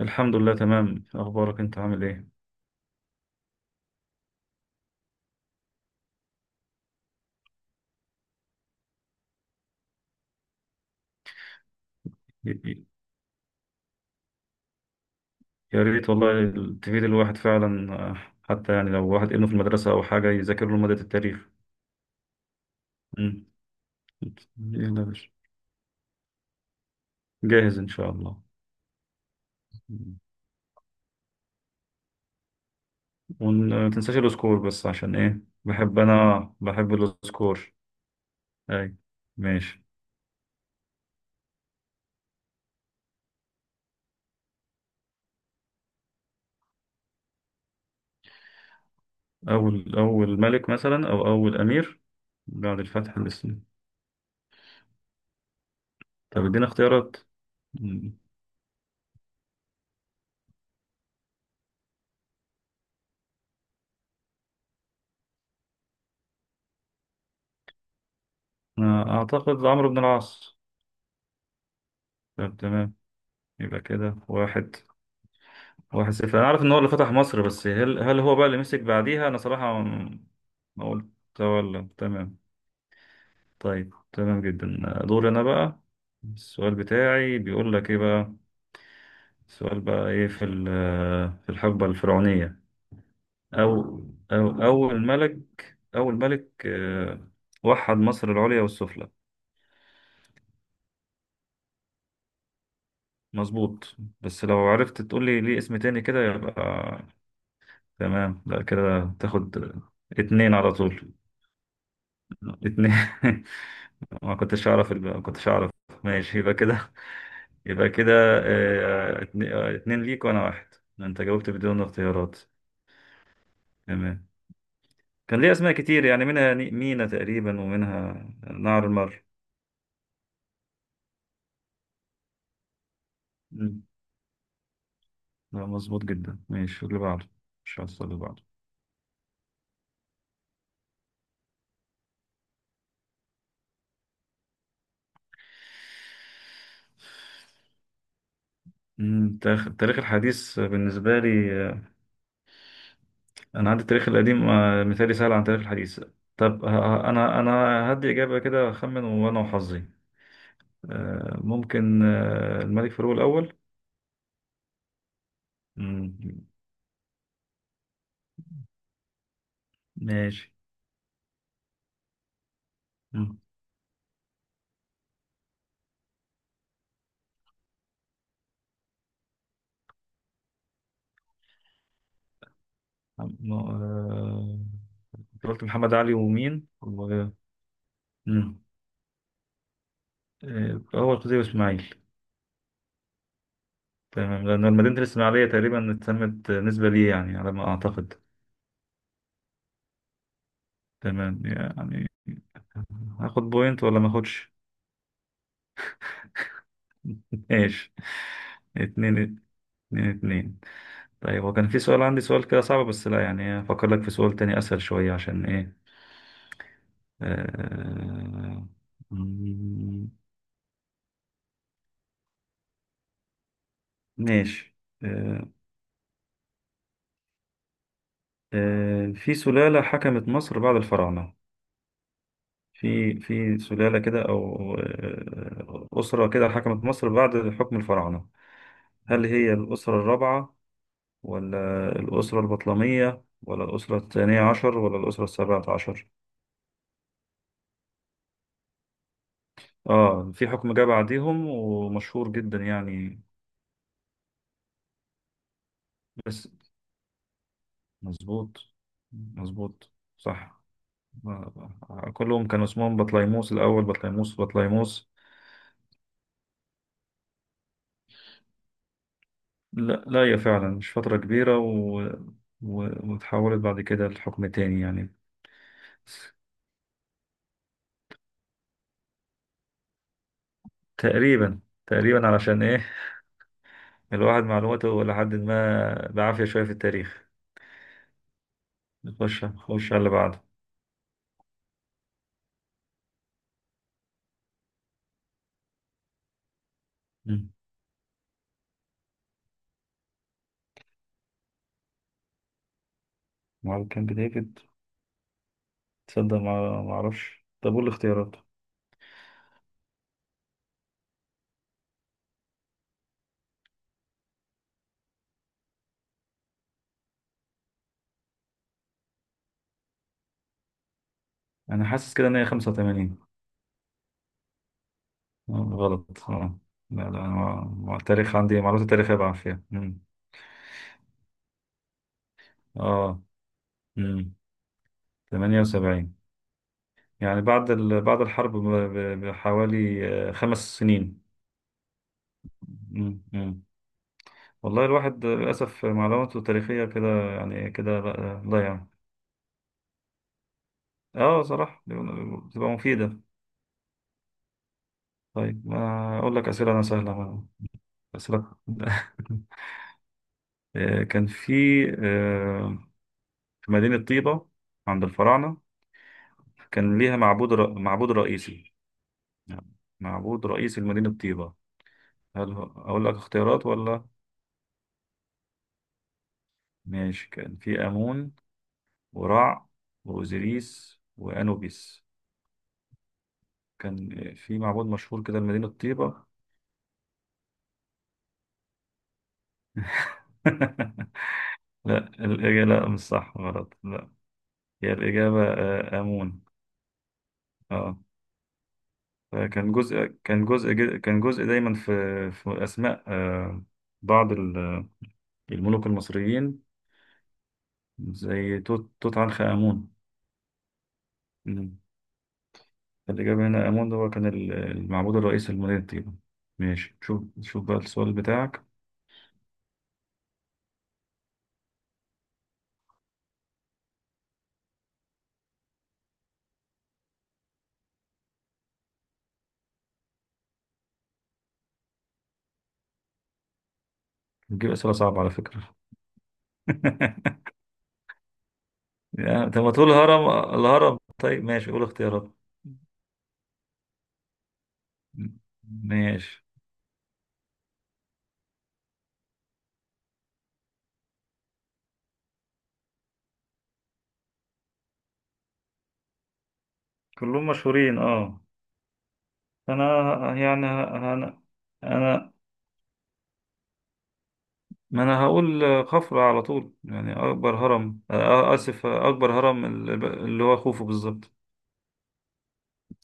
الحمد لله، تمام، اخبارك، انت عامل ايه؟ ي- ي- يا ريت والله تفيد الواحد فعلا. حتى يعني لو واحد ابنه في المدرسة او حاجة يذاكر له مادة التاريخ. مم. يلا يا باشا. جاهز ان شاء الله. مم. وما تنساش السكور، بس عشان ايه؟ بحب، انا بحب السكور. اي، ماشي. اول ملك مثلا او اول امير؟ بعد الفتح الاسلام. طب ادينا اختيارات. مم. أنا اعتقد عمرو بن العاص. طب، تمام. يبقى كده واحد. واحد صفر. انا عارف ان هو اللي فتح مصر، بس هل هو بقى اللي مسك بعديها؟ انا صراحة ما قلت. ولا، تمام. طيب، تمام جدا. دور انا بقى. السؤال بتاعي بيقول لك ايه بقى؟ السؤال بقى ايه في في الحقبة الفرعونية، او او اول ملك ، وحد مصر العليا والسفلى؟ مظبوط، بس لو عرفت تقول لي ليه اسم تاني كده يبقى. تمام، لا كده تاخد. اتنين على طول. اتنين. ما كنتش اعرف. ماشي، يبقى كده. يبقى كده. اتنين ليك وانا واحد. انت جاوبت بدون اختيارات. تمام. كان ليه اسماء كتير يعني، منها مينا تقريبا، ومنها نهر المر. مم. لا، مظبوط جدا. ماشي اللي بعده. مش هوصل اللي بعده. التاريخ الحديث بالنسبة لي، أنا عندي التاريخ القديم، مثالي سهل عن التاريخ الحديث. طب، أنا هدي إجابة كده، أخمن وأنا وحظي. ممكن، الملك فاروق الأول. مم، ماشي. مم. م- آه، أنت قلت محمد علي ومين مم. أول خطيب إسماعيل. تمام، لأن مدينة الإسماعيلية تقريبا اتسمت نسبة ليه يعني، على ما أعتقد. تمام يعني. هاخد بوينت ولا ما اخدش؟ ماشي. اتنين اتنين اتنين. طيب، هو كان في سؤال عندي، سؤال كده صعب، بس لا يعني افكر لك في سؤال تاني اسهل شوية عشان ايه. آه، مم، ماشي. آه، في سلالة حكمت مصر بعد الفراعنة. في سلالة كده، أو، أسرة كده حكمت مصر بعد حكم الفراعنة. هل هي الأسرة الرابعة، ولا الأسرة البطلمية، ولا الأسرة الثانية عشر، ولا الأسرة السابعة عشر؟ في حكم جه بعديهم ومشهور جدا يعني. بس. مظبوط. مظبوط صح. كلهم كان اسمهم بطليموس الأول، بطليموس، بطليموس. لا لا، هي فعلا مش فترة كبيرة و... و... وتحولت بعد كده لحكم تاني يعني. تقريبا. تقريبا، علشان ايه؟ الواحد معلوماته لحد ما بعافية شوية في التاريخ. نخش نخش على اللي بعده. مم. وعلى كامب ديفيد. تصدق؟ ما اعرفش. طب قول الاختيارات. انا حاسس كده ان هي 85. غلط. لا لا، أنا ما التاريخ عندي معلومات التاريخية بعافية. اه، 78. يعني بعد الحرب بحوالي 5 سنين. مم. مم. والله الواحد للأسف معلوماته التاريخية كده، يعني كده بقى ضايعة. اه، صراحة بتبقى مفيدة. طيب، ما أقول لك أسئلة أنا سهلة أسئلة. كان في آه، في مدينة طيبة عند الفراعنة كان ليها معبود رئيسي. نعم. معبود رئيسي لمدينة طيبة. أقول لك اختيارات ولا؟ ماشي، كان في آمون، ورع، وأوزيريس، وأنوبيس. كان في معبود مشهور كده لمدينة طيبة. لا، الإجابة لا، مش صح، غلط، لا. هي الإجابة، آمون. اه، فكان جزء. كان جزء دايما في أسماء، بعض الملوك المصريين، زي توت عنخ آمون. مم. فالإجابة هنا آمون، ده هو كان المعبود الرئيسي لمدينة طيبة. ماشي، شوف شوف بقى السؤال بتاعك. بتجيب أسئلة صعبة على فكرة. يعني طب ما تقول هرم. الهرم. طيب، ماشي قول اختيارات. ماشي، كلهم مشهورين، اه. انا، يعني انا، انا ما انا هقول خفرة على طول. يعني اكبر هرم، اسف، اكبر هرم اللي هو خوفو بالظبط.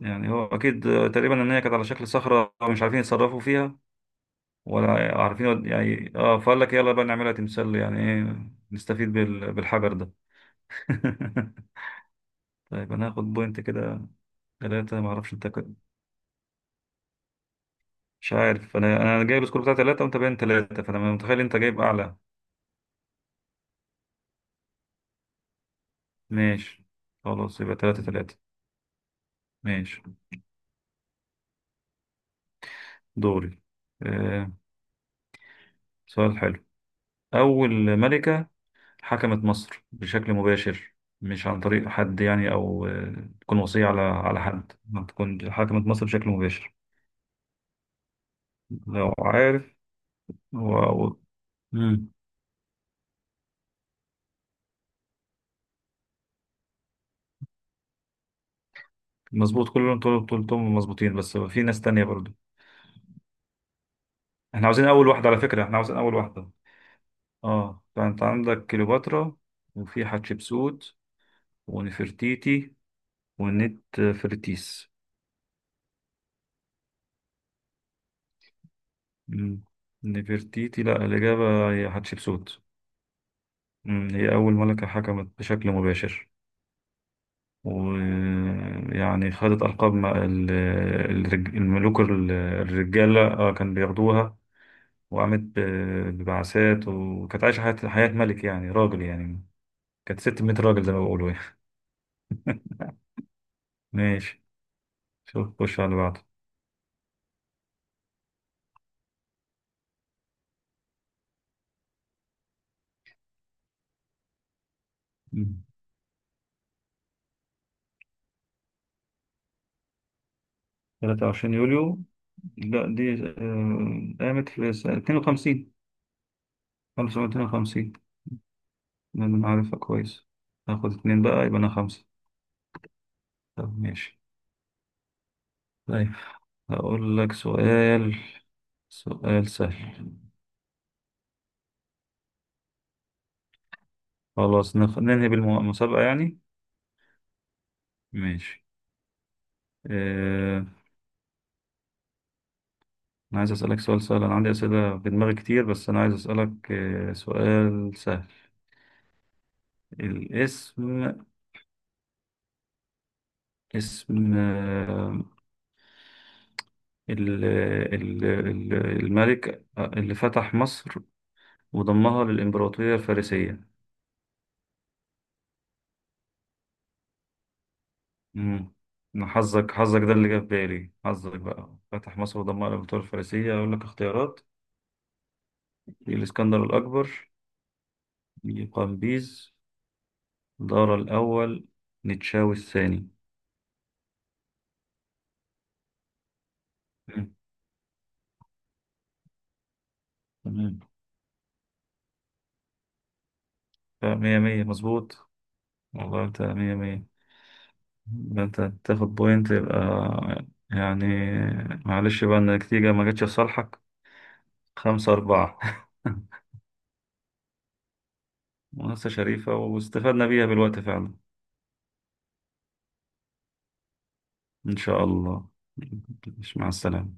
يعني هو اكيد، تقريبا ان هي كانت على شكل صخرة مش عارفين يتصرفوا فيها، ولا عارفين يعني اه، فقال لك يلا بقى نعملها تمثال يعني ايه، نستفيد بالحجر ده. طيب انا هاخد بوينت كده، ثلاثة. ما اعرفش انت؟ مش عارف، انا جايب السكور بتاع ثلاثة، وانت باين ثلاثة، فانا متخيل انت جايب اعلى. ماشي، خلاص يبقى ثلاثة ثلاثة. ماشي، دوري. آه سؤال حلو. اول ملكة حكمت مصر بشكل مباشر، مش عن طريق حد يعني، او، تكون وصية على حد، ما تكون حكمت مصر بشكل مباشر. لو عارف. هو هو- مم. مظبوط كلهم، طول طول طول مظبوطين، بس في ناس تانية برضو. احنا عاوزين اول واحدة على فكرة، احنا عاوزين اول واحدة. اه، فانت عندك كليوباترا، وفي حتشبسوت، ونفرتيتي، ونت فرتيس. مم. نفرتيتي؟ لا، الإجابة هي حتشبسوت. مم. هي أول ملكة حكمت بشكل مباشر، ويعني خدت ألقاب الملوك الرجالة، كان بياخدوها، وقامت ببعثات، وكانت عايشة حياة ملك يعني، راجل يعني. كانت 600 راجل زي ما بيقولوا يعني. ماشي، شوف خش على اللي بعده. 23 يوليو. لا، دي، قامت في سنة 52. 1952. أنا عارفها كويس. هاخد اتنين بقى، يبقى أنا خمسة. طب ماشي. طيب، هقول لك سؤال، سؤال سهل. خلاص، ننهي بالمسابقة يعني. ماشي. آه... أنا عايز أسألك سؤال سهل، أنا عندي أسئلة في دماغي كتير، بس أنا عايز أسألك سؤال سهل. الاسم. اسم ال- الملك اللي فتح مصر وضمها للإمبراطورية الفارسية. امم حظك حظك، ده اللي جه في بالي. حظك بقى، فتح مصر وضمها للإمبراطورية الفارسية. أقول لك اختيارات؟ الإسكندر الأكبر، قمبيز، دارا الأول، نتشاوي الثاني. مم. تمام، بقى مية مية، مظبوط. والله أنت مية مية. ده أنت تاخد بوينت يبقى، يعني معلش بقى إن النتيجة ما جاتش في صالحك. خمسة أربعة. مؤسسة شريفة، واستفدنا بيها بالوقت فعلا. إن شاء الله. مع السلامة.